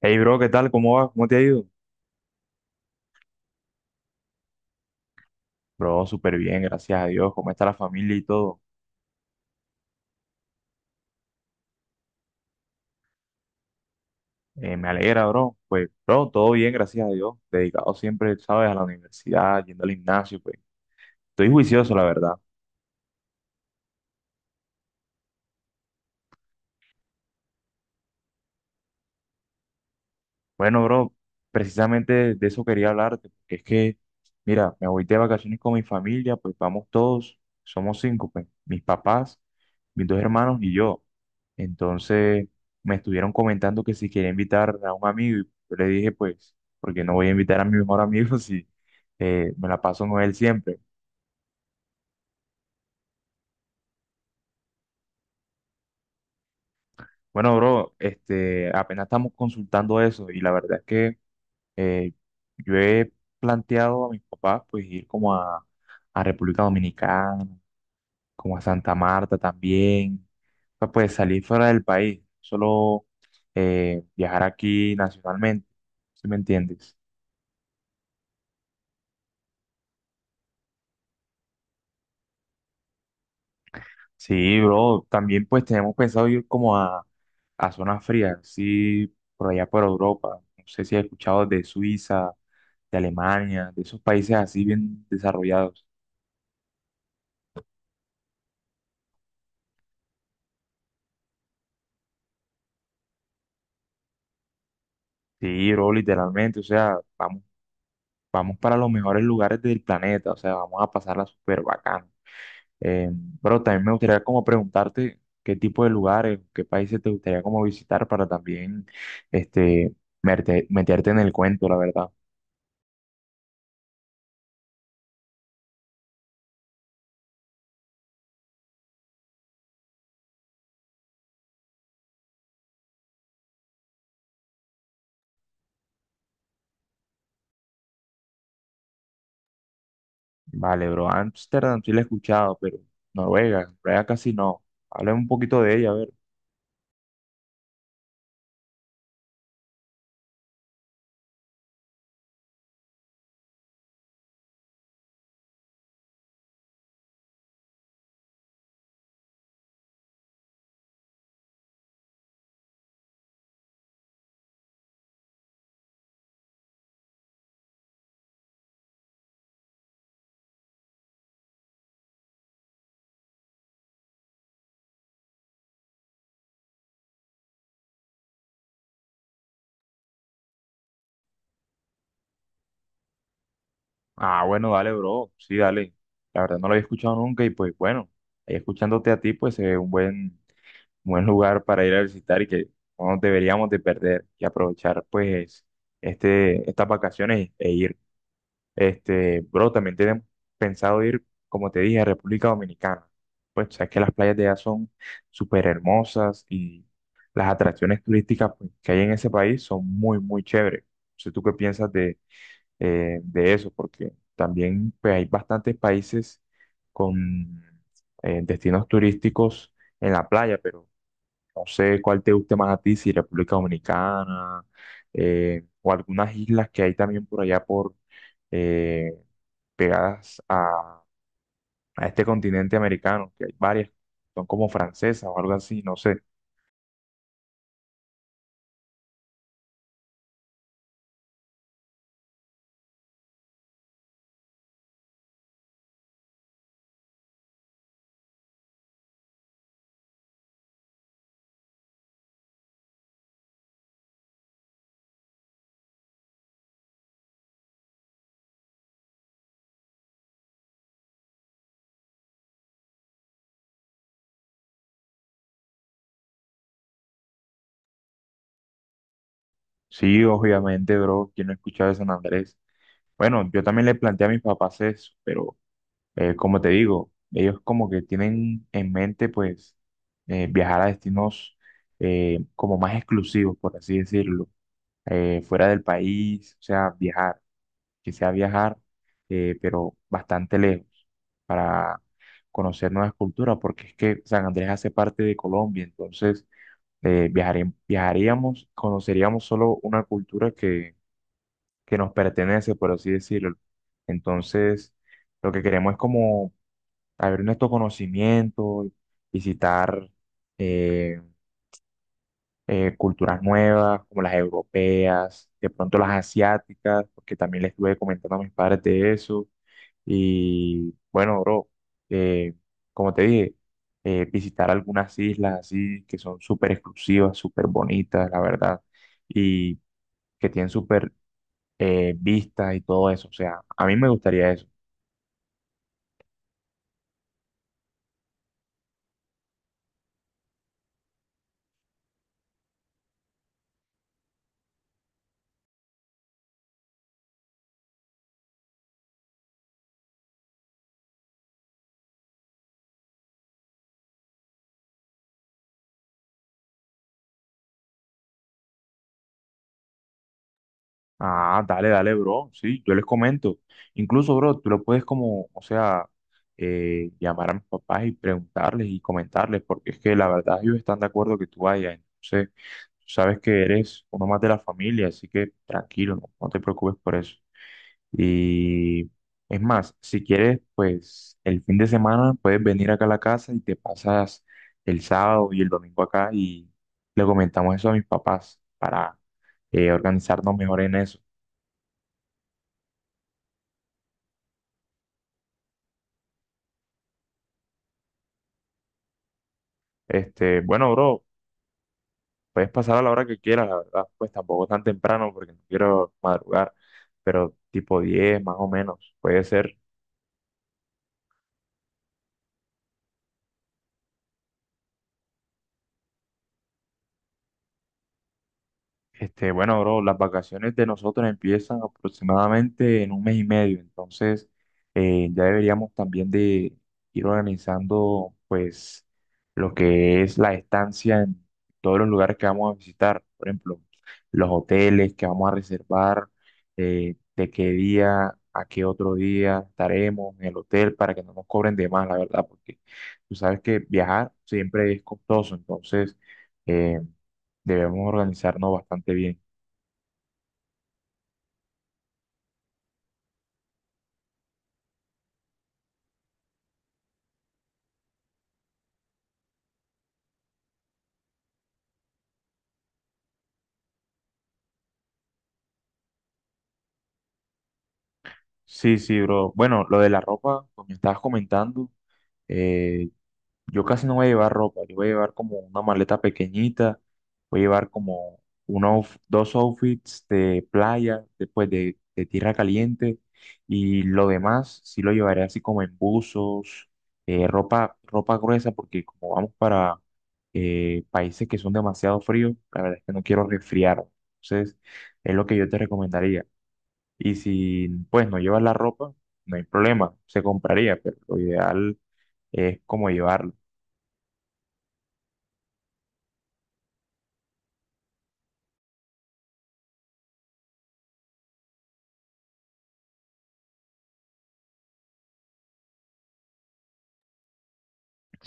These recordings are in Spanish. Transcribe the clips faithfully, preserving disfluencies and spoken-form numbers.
Hey bro, ¿qué tal? ¿Cómo vas? ¿Cómo te ha ido? Bro, súper bien, gracias a Dios. ¿Cómo está la familia y todo? Eh, me alegra, bro. Pues, bro, todo bien, gracias a Dios. Dedicado siempre, sabes, a la universidad, yendo al gimnasio, pues. Estoy juicioso, la verdad. Bueno, bro, precisamente de eso quería hablarte, porque es que, mira, me voy de vacaciones con mi familia, pues vamos todos, somos cinco, pues, mis papás, mis dos hermanos y yo. Entonces, me estuvieron comentando que si quería invitar a un amigo, y yo le dije, pues, porque no voy a invitar a mi mejor amigo si eh, me la paso con él siempre. Bueno, bro, este, apenas estamos consultando eso, y la verdad es que Eh, yo he planteado a mis papás pues ir como a, a República Dominicana, como a Santa Marta también, pa- pues salir fuera del país, solo eh, viajar aquí nacionalmente, ¿si me entiendes? Sí, bro, también pues tenemos pensado ir como a, a zonas frías, sí, por allá por Europa, no sé si has escuchado de Suiza, de Alemania, de esos países así bien desarrollados. Sí, bro, literalmente, o sea, vamos vamos para los mejores lugares del planeta, o sea, vamos a pasarla súper bacán. Eh, pero también me gustaría como preguntarte qué tipo de lugares, qué países te gustaría como visitar para también este, merte- meterte en el cuento, la verdad. Vale, bro, Ámsterdam sí la he escuchado, pero Noruega, Noruega casi no. Háblame un poquito de ella, a ver. Ah, bueno, dale, bro, sí, dale. La verdad no lo había escuchado nunca y pues bueno, ahí escuchándote a ti, pues se ve un buen buen lugar para ir a visitar y que no nos deberíamos de perder y aprovechar pues este, estas vacaciones e ir. Este, bro, también tenemos pensado ir, como te dije, a República Dominicana. Pues sabes que las playas de allá son súper hermosas y las atracciones turísticas pues, que hay en ese país son muy, muy chéveres. No sé tú qué piensas de, eh, de eso, porque también pues hay bastantes países con eh, destinos turísticos en la playa, pero no sé cuál te guste más a ti, si República Dominicana eh, o algunas islas que hay también por allá por eh, pegadas a, a este continente americano, que hay varias, son como francesas o algo así, no sé. Sí, obviamente, bro, quién no ha escuchado de San Andrés. Bueno, yo también le planteé a mis papás eso, pero eh, como te digo, ellos como que tienen en mente pues eh, viajar a destinos eh, como más exclusivos, por así decirlo, eh, fuera del país, o sea, viajar, que sea viajar, eh, pero bastante lejos, para conocer nuevas culturas, porque es que San Andrés hace parte de Colombia, entonces eh, viajare- viajaríamos, conoceríamos solo una cultura que, que nos pertenece, por así decirlo. Entonces, lo que queremos es como abrir nuestro conocimiento, visitar, eh, eh, culturas nuevas, como las europeas, de pronto las asiáticas, porque también les estuve comentando a mis padres de eso. Y bueno, bro, eh, como te dije, eh, visitar algunas islas así que son súper exclusivas, súper bonitas, la verdad, y que tienen súper eh, vistas y todo eso. O sea, a mí me gustaría eso. Ah, dale, dale, bro. Sí, yo les comento. Incluso, bro, tú lo puedes como, o sea, eh, llamar a mis papás y preguntarles y comentarles, porque es que la verdad ellos están de acuerdo que tú vayas. Entonces, tú sabes que eres uno más de la familia, así que tranquilo, no, no te preocupes por eso. Y es más, si quieres, pues el fin de semana puedes venir acá a la casa y te pasas el sábado y el domingo acá y le comentamos eso a mis papás para eh, organizarnos mejor en eso. Este, bueno, bro, puedes pasar a la hora que quieras, la verdad, pues tampoco tan temprano porque no quiero madrugar, pero tipo diez más o menos, puede ser. Este, bueno, bro, las vacaciones de nosotros empiezan aproximadamente en un mes y medio, entonces eh, ya deberíamos también de ir organizando pues lo que es la estancia en todos los lugares que vamos a visitar, por ejemplo, los hoteles que vamos a reservar, eh, de qué día a qué otro día estaremos en el hotel para que no nos cobren de más, la verdad, porque tú sabes que viajar siempre es costoso, entonces eh, debemos organizarnos bastante bien. Sí, sí, bro. Bueno, lo de la ropa, como me estabas comentando, eh, yo casi no voy a llevar ropa. Yo voy a llevar como una maleta pequeñita. Voy a llevar como unos dos outfits de playa, después de, de tierra caliente. Y lo demás sí lo llevaré así como en buzos, eh, ropa, ropa gruesa, porque como vamos para eh, países que son demasiado fríos, la verdad es que no quiero resfriar. Entonces, es lo que yo te recomendaría. Y si pues no llevas la ropa, no hay problema, se compraría, pero lo ideal es como llevarlo.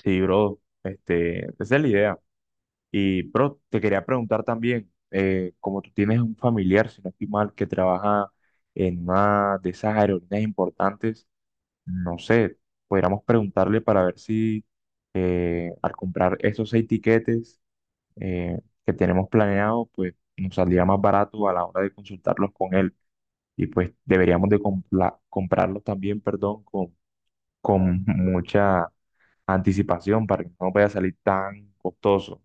Sí, bro, este, esa es la idea. Y bro, te quería preguntar también, eh, como tú tienes un familiar, si no estoy mal, que trabaja en una de esas aerolíneas importantes, no sé, podríamos preguntarle para ver si eh, al comprar esos seis tiquetes eh, que tenemos planeados, pues nos saldría más barato a la hora de consultarlos con él. Y pues deberíamos de compla- comprarlos también, perdón, con, con mucha anticipación para que no vaya a salir tan costoso.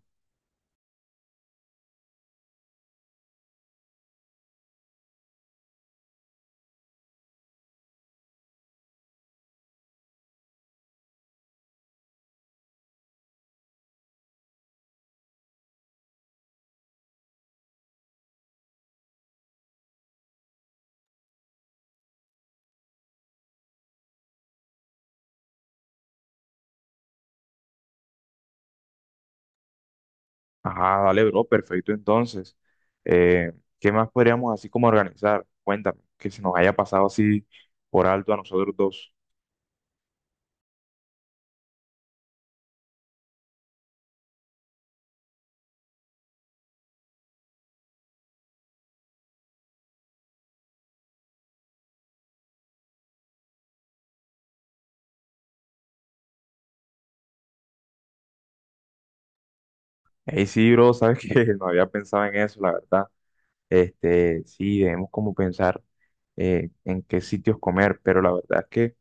Ajá, dale, bro, perfecto entonces. Eh, ¿Qué más podríamos así como organizar? Cuéntame, que se nos haya pasado así por alto a nosotros dos. Ey, sí, bro, sabes que no había pensado en eso, la verdad. Este, sí, debemos como pensar eh, en qué sitios comer, pero la verdad es que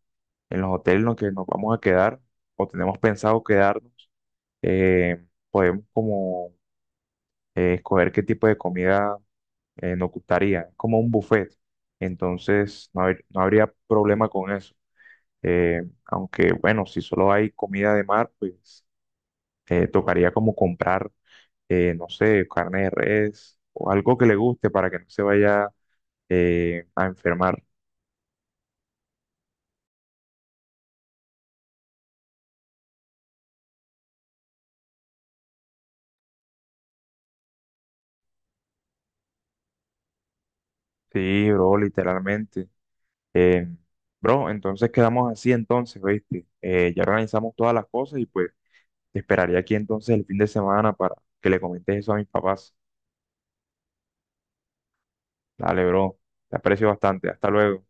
en los hoteles en los que nos vamos a quedar o tenemos pensado quedarnos, eh, podemos como eh, escoger qué tipo de comida eh, nos gustaría, es como un buffet, entonces no, habr- no habría problema con eso. Eh, aunque bueno, si solo hay comida de mar, pues eh, tocaría como comprar, eh, no sé, carne de res o algo que le guste para que no se vaya eh, a enfermar. Sí, bro, literalmente. Eh, Bro, entonces quedamos así entonces, ¿viste? Eh, ya organizamos todas las cosas y pues te esperaría aquí entonces el fin de semana para que le comentes eso a mis papás. Dale, bro. Te aprecio bastante. Hasta luego.